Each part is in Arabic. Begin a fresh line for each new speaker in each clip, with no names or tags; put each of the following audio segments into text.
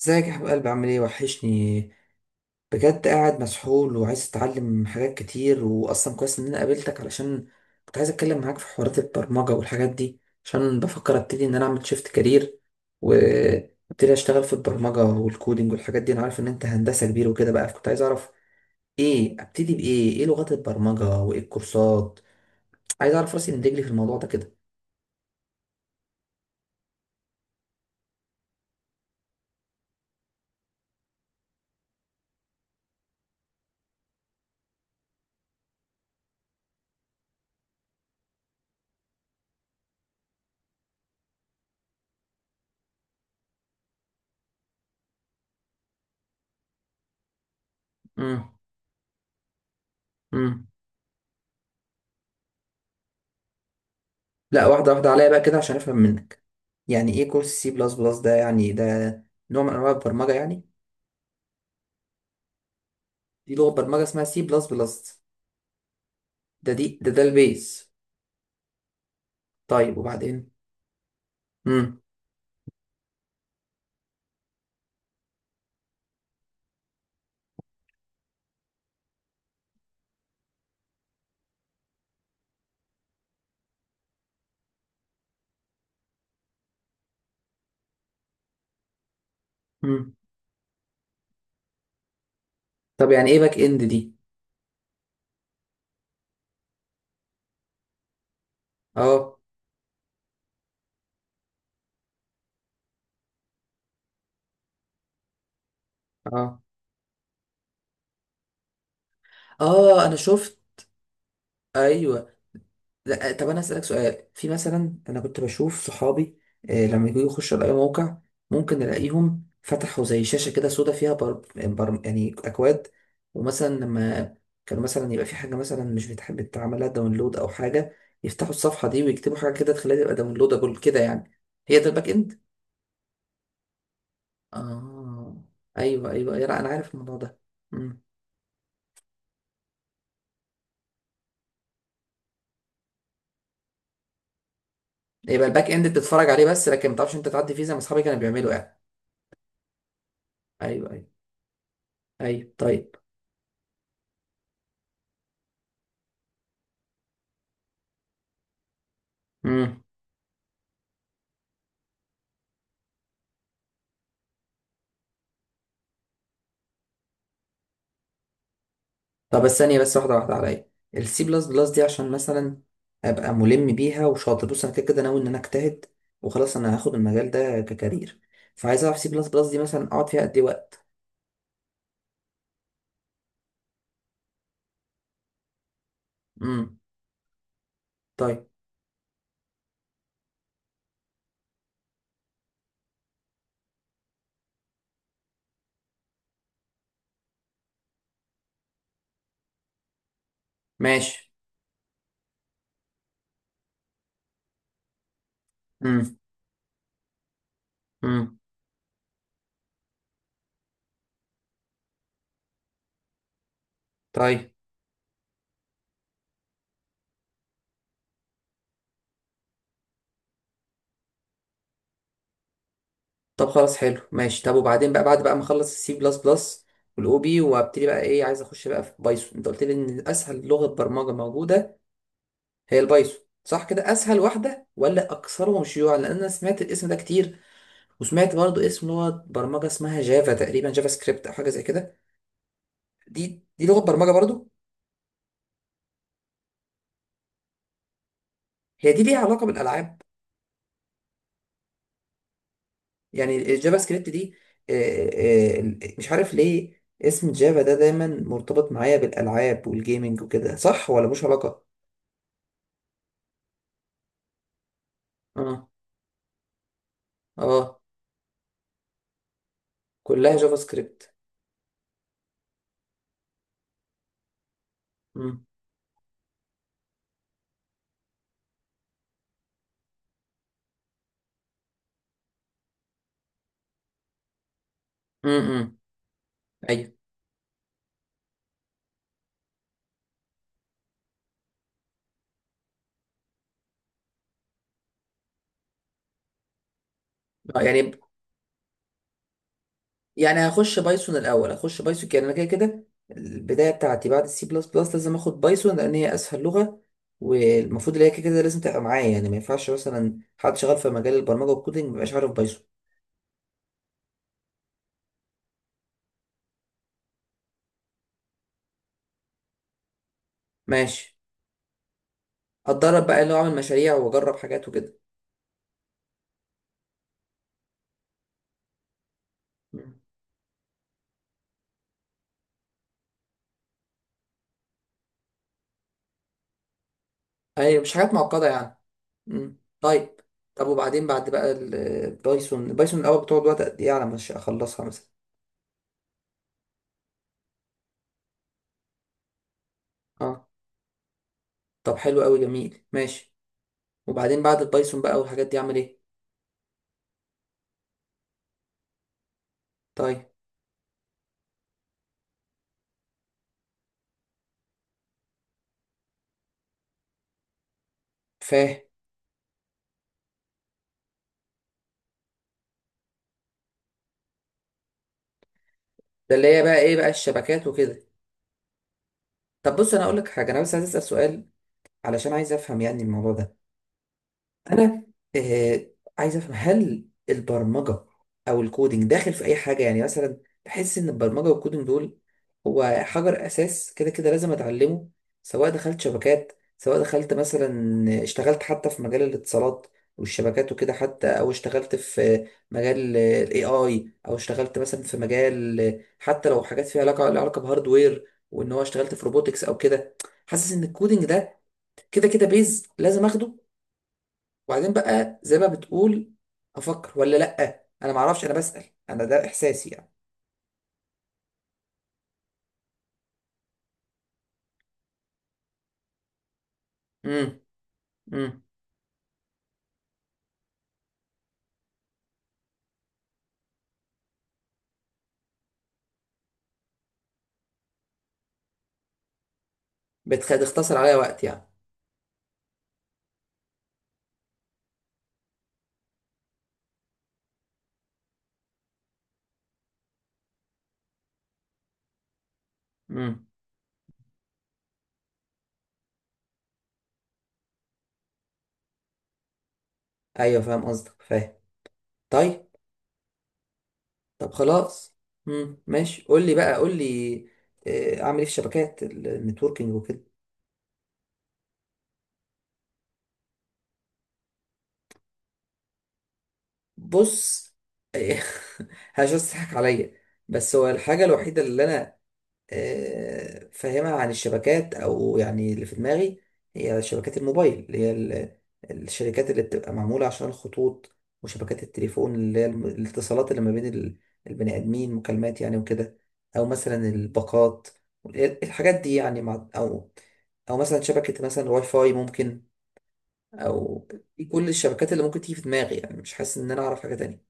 ازيك يا حبيب قلبي، عامل ايه، وحشني بجد. قاعد مسحول وعايز اتعلم حاجات كتير، واصلا كويس ان انا قابلتك علشان كنت عايز اتكلم معاك في حوارات البرمجة والحاجات دي، عشان بفكر ابتدي ان انا اعمل شيفت كارير وابتدي اشتغل في البرمجة والكودينج والحاجات دي. انا عارف ان انت هندسة كبير وكده، بقى فكنت عايز اعرف ايه، ابتدي بايه، ايه لغات البرمجة وايه الكورسات. عايز اعرف راسي من رجلي في الموضوع ده كده. امم لا، واحدة واحدة عليا بقى كده عشان أفهم منك. يعني إيه كورس سي بلس بلس ده؟ يعني ده نوع من أنواع البرمجة يعني؟ دي لغة برمجة اسمها سي بلس بلس؟ ده دي ده ده البيز. طيب، وبعدين؟ مم. مم. طب يعني إيه باك إند دي؟ أه، أه، أه، أنا شفت. أيوه. لا، طب انا اسالك سؤال، في مثلا انا كنت بشوف صحابي، لما يجوا يخشوا على اي موقع ممكن الاقيهم فتحوا زي شاشه كده سودا فيها يعني اكواد. ومثلا لما كانوا مثلا يبقى في حاجه مثلا مش بتحب تعملها داونلود او حاجه، يفتحوا الصفحه دي ويكتبوا حاجه كده تخليها تبقى داونلودابل كده يعني. هي ده الباك اند؟ اه. ايوه، ايوه، أيوة، لا انا عارف الموضوع ده. امم يبقى الباك اند بتتفرج عليه بس لكن ما تعرفش انت تعدي فيه زي ما اصحابي كانوا بيعملوا يعني. ايوه، ايوه، ايوه، طيب. امم طب بس ثانية، بس واحدة واحدة عليا. السي بلس بلس دي عشان مثلا أبقى ملم بيها وشاطر. بص، أنا كده كده ناوي إن أنا أجتهد، وخلاص أنا هاخد المجال ده ككارير. فعايز أعرف سي بلس بلس دي مثلا أقعد فيها قد إيه وقت؟ امم. طيب، ماشي. امم. امم. طيب. طب خلاص حلو، ماشي. طب وبعدين بقى، بعد بقى ما أخلص السي بلس بلس والأو بي، وأبتدي بقى إيه؟ عايز أخش بقى في بايثون. أنت قلت لي إن أسهل لغة برمجة موجودة هي البايثون، صح كده؟ أسهل واحدة ولا أكثرهم شيوعا؟ لأن أنا سمعت الاسم ده كتير. وسمعت برضو اسم لغة برمجة اسمها جافا، تقريبا جافا سكريبت أو حاجة زي كده. دي لغة برمجة برضو؟ هي دي ليها علاقة بالألعاب؟ يعني الجافا سكريبت دي. آه، مش عارف ليه اسم جافا ده دايما مرتبط معايا بالألعاب والجيمنج وكده، صح ولا مش علاقة؟ اه. اه، كلها جافا سكريبت؟ امم. امم. ايوه. آه، يعني يعني هخش بايثون الاول، هخش بايثون. يعني انا كده كده البدايه بتاعتي بعد السي بلس بلس لازم اخد بايثون لان هي اسهل لغه، والمفروض اللي هي كده كده لازم تبقى معايا. يعني ما ينفعش مثلا حد شغال في مجال البرمجه والكودينج ما يبقاش عارف بايثون. ماشي. هتدرب بقى اللي هو اعمل مشاريع واجرب حاجات وكده؟ مم. ايوه، مش حاجات معقده يعني. مم. طيب. طب وبعدين بعد بقى البايثون، بايثون الاول بتقعد وقت قد ايه على ما اخلصها مثلا؟ اه. طب حلو قوي، جميل، ماشي. وبعدين بعد البايثون بقى والحاجات دي اعمل ايه؟ طيب. فاهم. ده اللي هي بقى ايه بقى، الشبكات وكده؟ طب بص انا اقول لك حاجه، انا بس عايز اسال سؤال علشان عايز افهم يعني الموضوع ده. انا آه عايز افهم هل البرمجه او الكودينج داخل في اي حاجه؟ يعني مثلا بحس ان البرمجه والكودينج دول هو حجر اساس كده كده لازم اتعلمه، سواء دخلت شبكات، سواء دخلت مثلا اشتغلت حتى في مجال الاتصالات والشبكات وكده، حتى او اشتغلت في مجال الاي اي، او اشتغلت مثلا في مجال حتى لو حاجات فيها علاقه لها علاقه بهاردوير، وان هو اشتغلت في روبوتكس او كده. حاسس ان الكودينج ده كده كده بيز لازم اخده، وبعدين بقى زي ما بتقول افكر، ولا لا، انا ما اعرفش انا بسأل، انا ده احساسي يعني. امم. امم. بتختصر عليا وقت يعني. امم. ايوه فاهم قصدك، فاهم. طيب. طب خلاص. امم، ماشي. قول لي بقى، قول لي. اعمل ايه في شبكات النتوركينج وكده؟ بص. هجس تضحك عليا. بس هو الحاجة الوحيدة اللي انا فاهمها عن الشبكات او يعني اللي في دماغي هي شبكات الموبايل، اللي هي الشركات اللي بتبقى معمولة عشان الخطوط، وشبكات التليفون اللي هي الاتصالات اللي ما بين البني ادمين، مكالمات يعني وكده، او مثلا الباقات، الحاجات دي يعني، مع او مثلا شبكة مثلا واي فاي ممكن، او كل الشبكات اللي ممكن تيجي في دماغي يعني، مش حاسس ان انا اعرف حاجة تانية.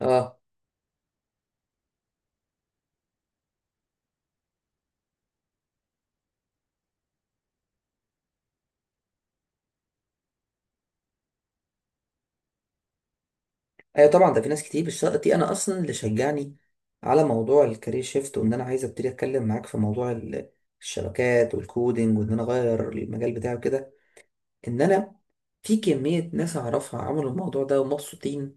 اه. ايوه طبعا، ده في ناس كتير، بس دي انا اصلا اللي شجعني على موضوع الكارير شيفت، وان انا عايز ابتدي اتكلم معاك في موضوع الشبكات والكودينج، وان انا اغير المجال بتاعي كده. ان انا في كمية ناس اعرفها عملوا الموضوع ده ومبسوطين،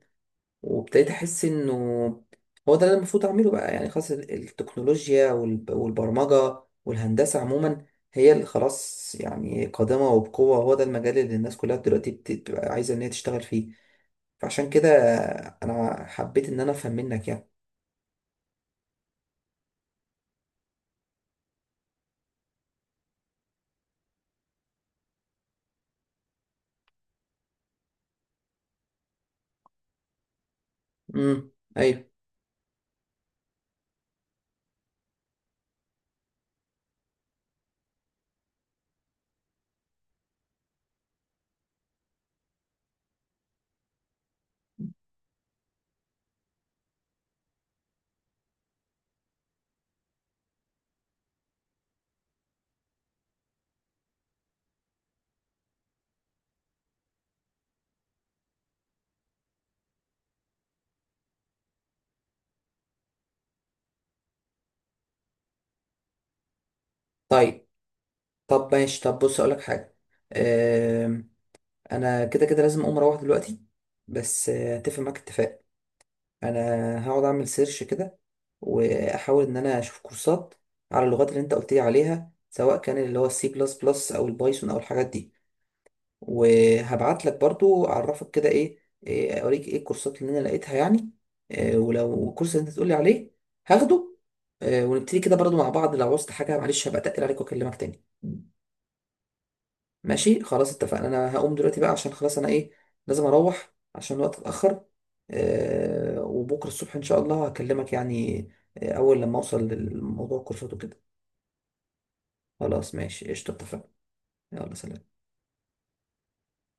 وابتديت احس انه هو ده اللي المفروض اعمله بقى. يعني خلاص التكنولوجيا والبرمجة والهندسة عموما هي اللي خلاص يعني قادمة وبقوة. هو ده المجال اللي الناس كلها دلوقتي بتبقى عايزة ان هي تشتغل فيه. فعشان كده انا حبيت ان انا افهم منك يعني. امم. ايوه. طيب. طب ماشي. طب بص اقولك حاجه. أم، انا كده كده لازم اقوم اروح دلوقتي. بس اتفق معاك اتفاق. انا هقعد اعمل سيرش كده، واحاول ان انا اشوف كورسات على اللغات اللي انت قلت لي عليها، سواء كان اللي هو السي بلس بلس او البايثون او الحاجات دي. وهبعت لك برضو اعرفك كده إيه، اوريك ايه الكورسات اللي انا لقيتها يعني. ولو الكورس اللي انت تقولي عليه هاخده. ونبتدي كده برضو مع بعض، لو عوزت حاجة معلش هبقى اتقل عليك واكلمك تاني. ماشي خلاص اتفقنا، انا هقوم دلوقتي بقى عشان خلاص انا لازم اروح عشان الوقت اتأخر. وبكرة الصبح ان شاء الله هكلمك، يعني اول لما اوصل للموضوع الكورسات وكده. خلاص ماشي، قشطة، اتفقنا. يلا، سلام.